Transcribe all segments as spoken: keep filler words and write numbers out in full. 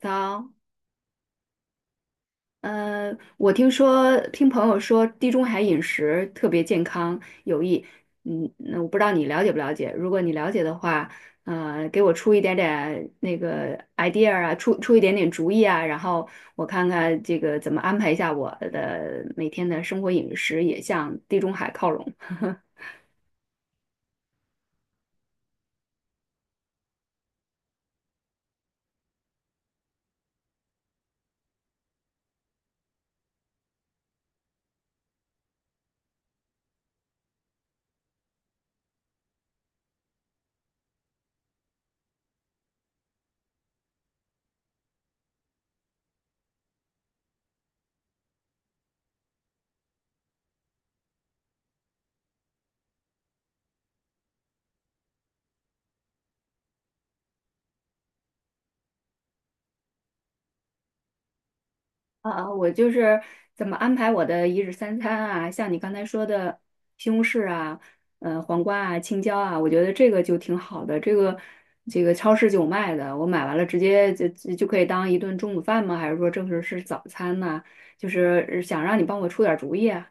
早。呃，我听说听朋友说地中海饮食特别健康有益。嗯，那我不知道你了解不了解？如果你了解的话，呃，给我出一点点那个 idea 啊，出出一点点主意啊，然后我看看这个怎么安排一下我的每天的生活饮食，也向地中海靠拢。啊，啊我就是怎么安排我的一日三餐啊，像你刚才说的西红柿啊，呃，黄瓜啊，青椒啊，我觉得这个就挺好的。这个这个超市就有卖的，我买完了直接就就就可以当一顿中午饭吗？还是说正式是早餐呢？就是想让你帮我出点主意啊。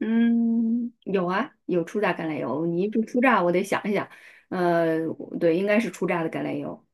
嗯，有啊，有初榨橄榄油，你一说初榨，我得想一想。呃，对，应该是初榨的橄榄油。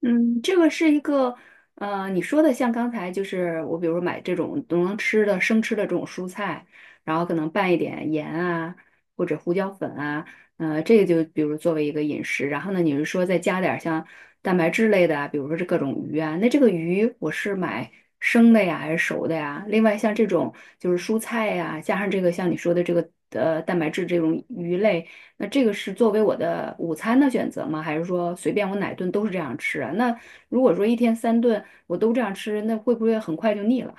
嗯，这个是一个，呃，你说的像刚才就是我，比如说买这种能吃的生吃的这种蔬菜，然后可能拌一点盐啊，或者胡椒粉啊，呃，这个就比如作为一个饮食。然后呢，你是说再加点儿像蛋白质类的啊，比如说这各种鱼啊，那这个鱼我是买生的呀，还是熟的呀？另外像这种就是蔬菜呀，加上这个像你说的这个呃蛋白质这种鱼类。那这个是作为我的午餐的选择吗？还是说随便我哪顿都是这样吃啊？那如果说一天三顿我都这样吃，那会不会很快就腻了？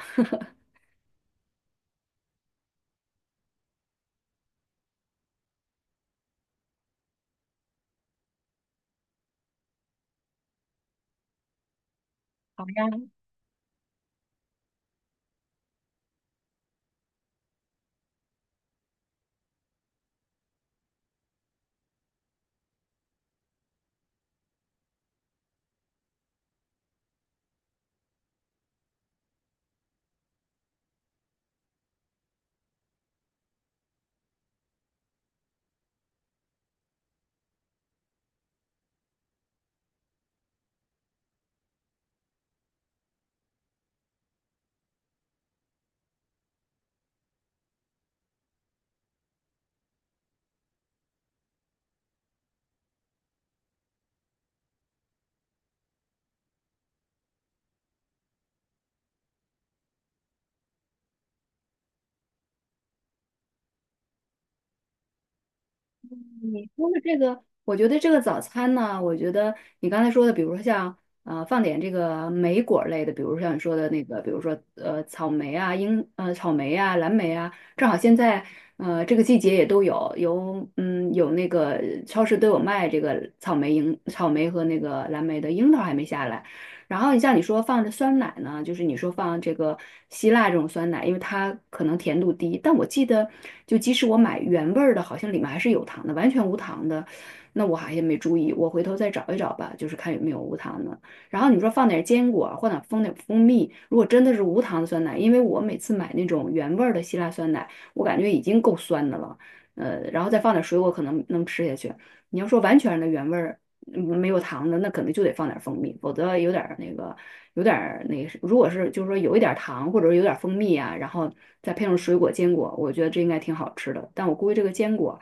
你说的这个，我觉得这个早餐呢，我觉得你刚才说的，比如说像呃放点这个莓果类的，比如像你说的那个，比如说呃草莓啊、樱呃草莓啊、蓝莓啊，正好现在呃这个季节也都有，有嗯有那个超市都有卖这个草莓樱草莓和那个蓝莓的，樱桃还没下来。然后你像你说放着酸奶呢，就是你说放这个希腊这种酸奶，因为它可能甜度低，但我记得就即使我买原味儿的，好像里面还是有糖的，完全无糖的，那我好像没注意，我回头再找一找吧，就是看有没有无糖的。然后你说放点坚果，或者放点蜂蜜，如果真的是无糖的酸奶，因为我每次买那种原味儿的希腊酸奶，我感觉已经够酸的了，呃，然后再放点水果可能能吃下去。你要说完全的原味儿。嗯，没有糖的，那可能就得放点蜂蜜，否则有点儿那个，有点儿那个，如果是就是说有一点儿糖或者有点儿蜂蜜啊，然后再配上水果坚果，我觉得这应该挺好吃的。但我估计这个坚果，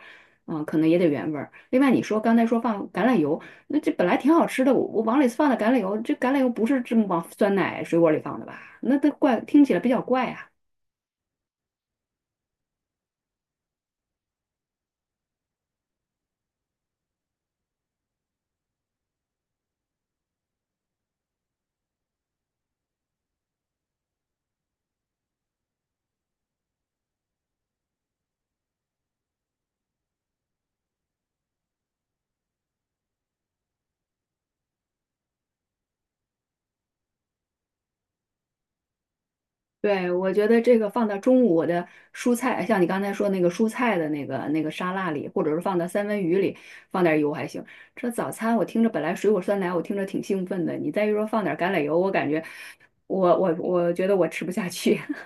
嗯、可能也得原味儿。另外你说刚才说放橄榄油，那这本来挺好吃的，我我往里放的橄榄油，这橄榄油不是这么往酸奶水果里放的吧？那这怪听起来比较怪啊。对，我觉得这个放到中午的蔬菜，像你刚才说那个蔬菜的那个那个沙拉里，或者是放到三文鱼里，放点油还行。这早餐我听着本来水果酸奶，我听着挺兴奋的，你再一说放点橄榄油，我感觉我我我觉得我吃不下去。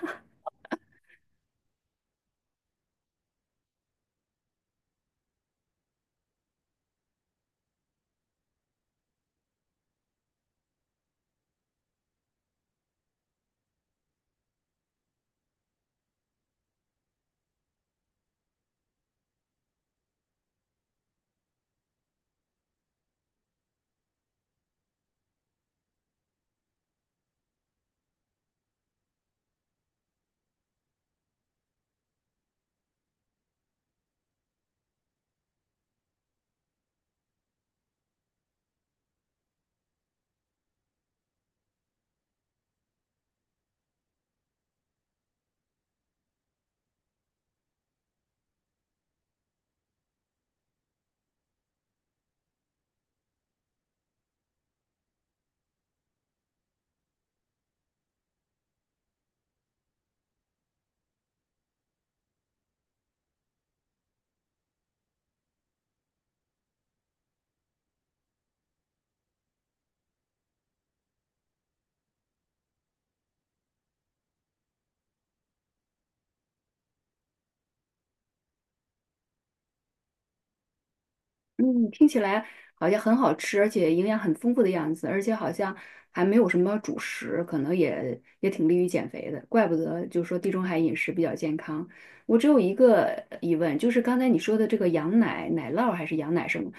嗯，听起来好像很好吃，而且营养很丰富的样子，而且好像还没有什么主食，可能也也挺利于减肥的，怪不得就说地中海饮食比较健康。我只有一个呃疑问，就是刚才你说的这个羊奶、奶酪还是羊奶什么，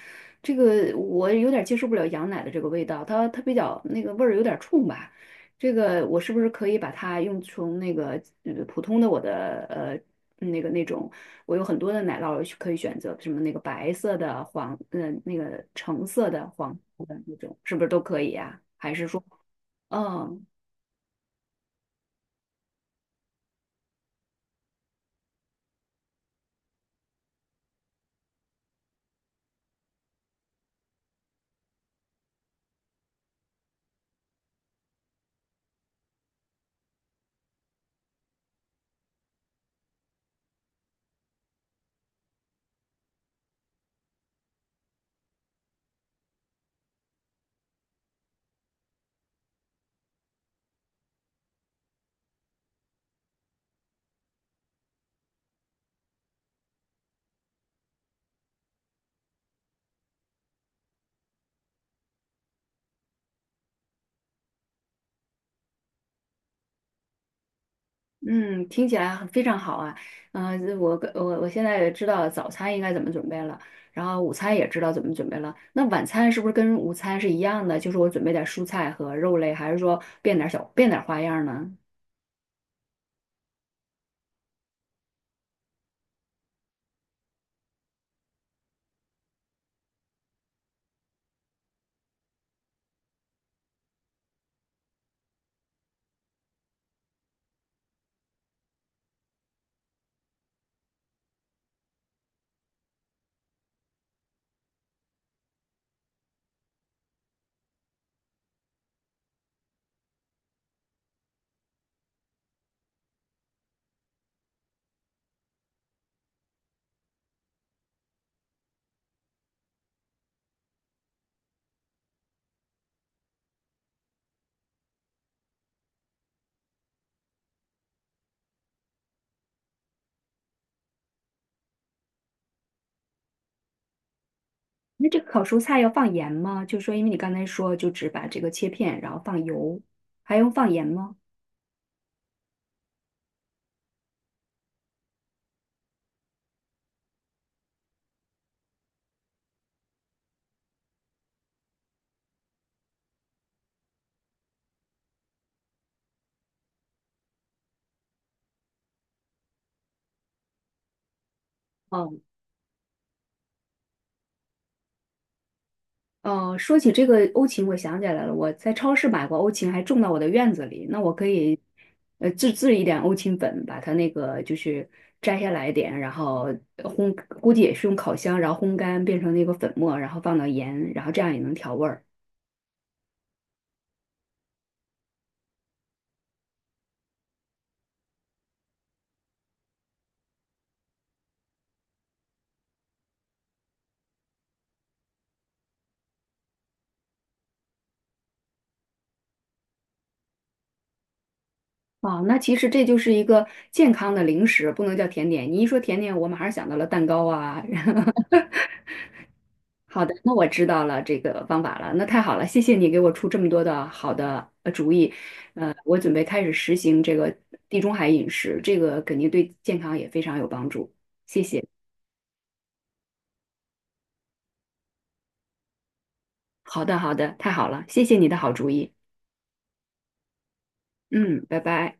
这个我有点接受不了羊奶的这个味道，它它比较那个味儿有点冲吧。这个我是不是可以把它用从那个呃普通的我的呃那个那种。我有很多的奶酪可以选择，什么那个白色的、黄，嗯、那个橙色的、黄色的那种，是不是都可以呀、嗯嗯，听起来非常好啊。嗯、呃我我我现在知道早餐应该怎么准备了，然后午餐也知道怎么准备了。那晚餐是不是跟午餐是一样的？就是我准备点蔬菜和肉类，还是说变点小变点花样呢？那这个烤蔬菜要放盐吗？就是说因为你刚才说就只把这个切片，然后放油，还用放盐吗？哦哦，呃说起这个欧芹，我想起来了，我在超市买过欧芹，还种到我的院子里。那我可以，呃，自制一点欧芹粉，把它那个就是摘下来一点，然后呃烘，估计也是用烤箱，然后烘干变成那个粉末，然后放到盐，然后这样也能调味儿。哦，那其实这就是一个健康的零食，不能叫甜点。你一说甜点，我马上想到了蛋糕啊。好的，那我知道了这个方法了，那太好了，谢谢你给我出这么多的好的呃主意。呃，我准备开始实行这个地中海饮食，这个肯定对健康也非常有帮助，谢谢。好的，好的，太好了，谢谢你的好主意。嗯，拜拜。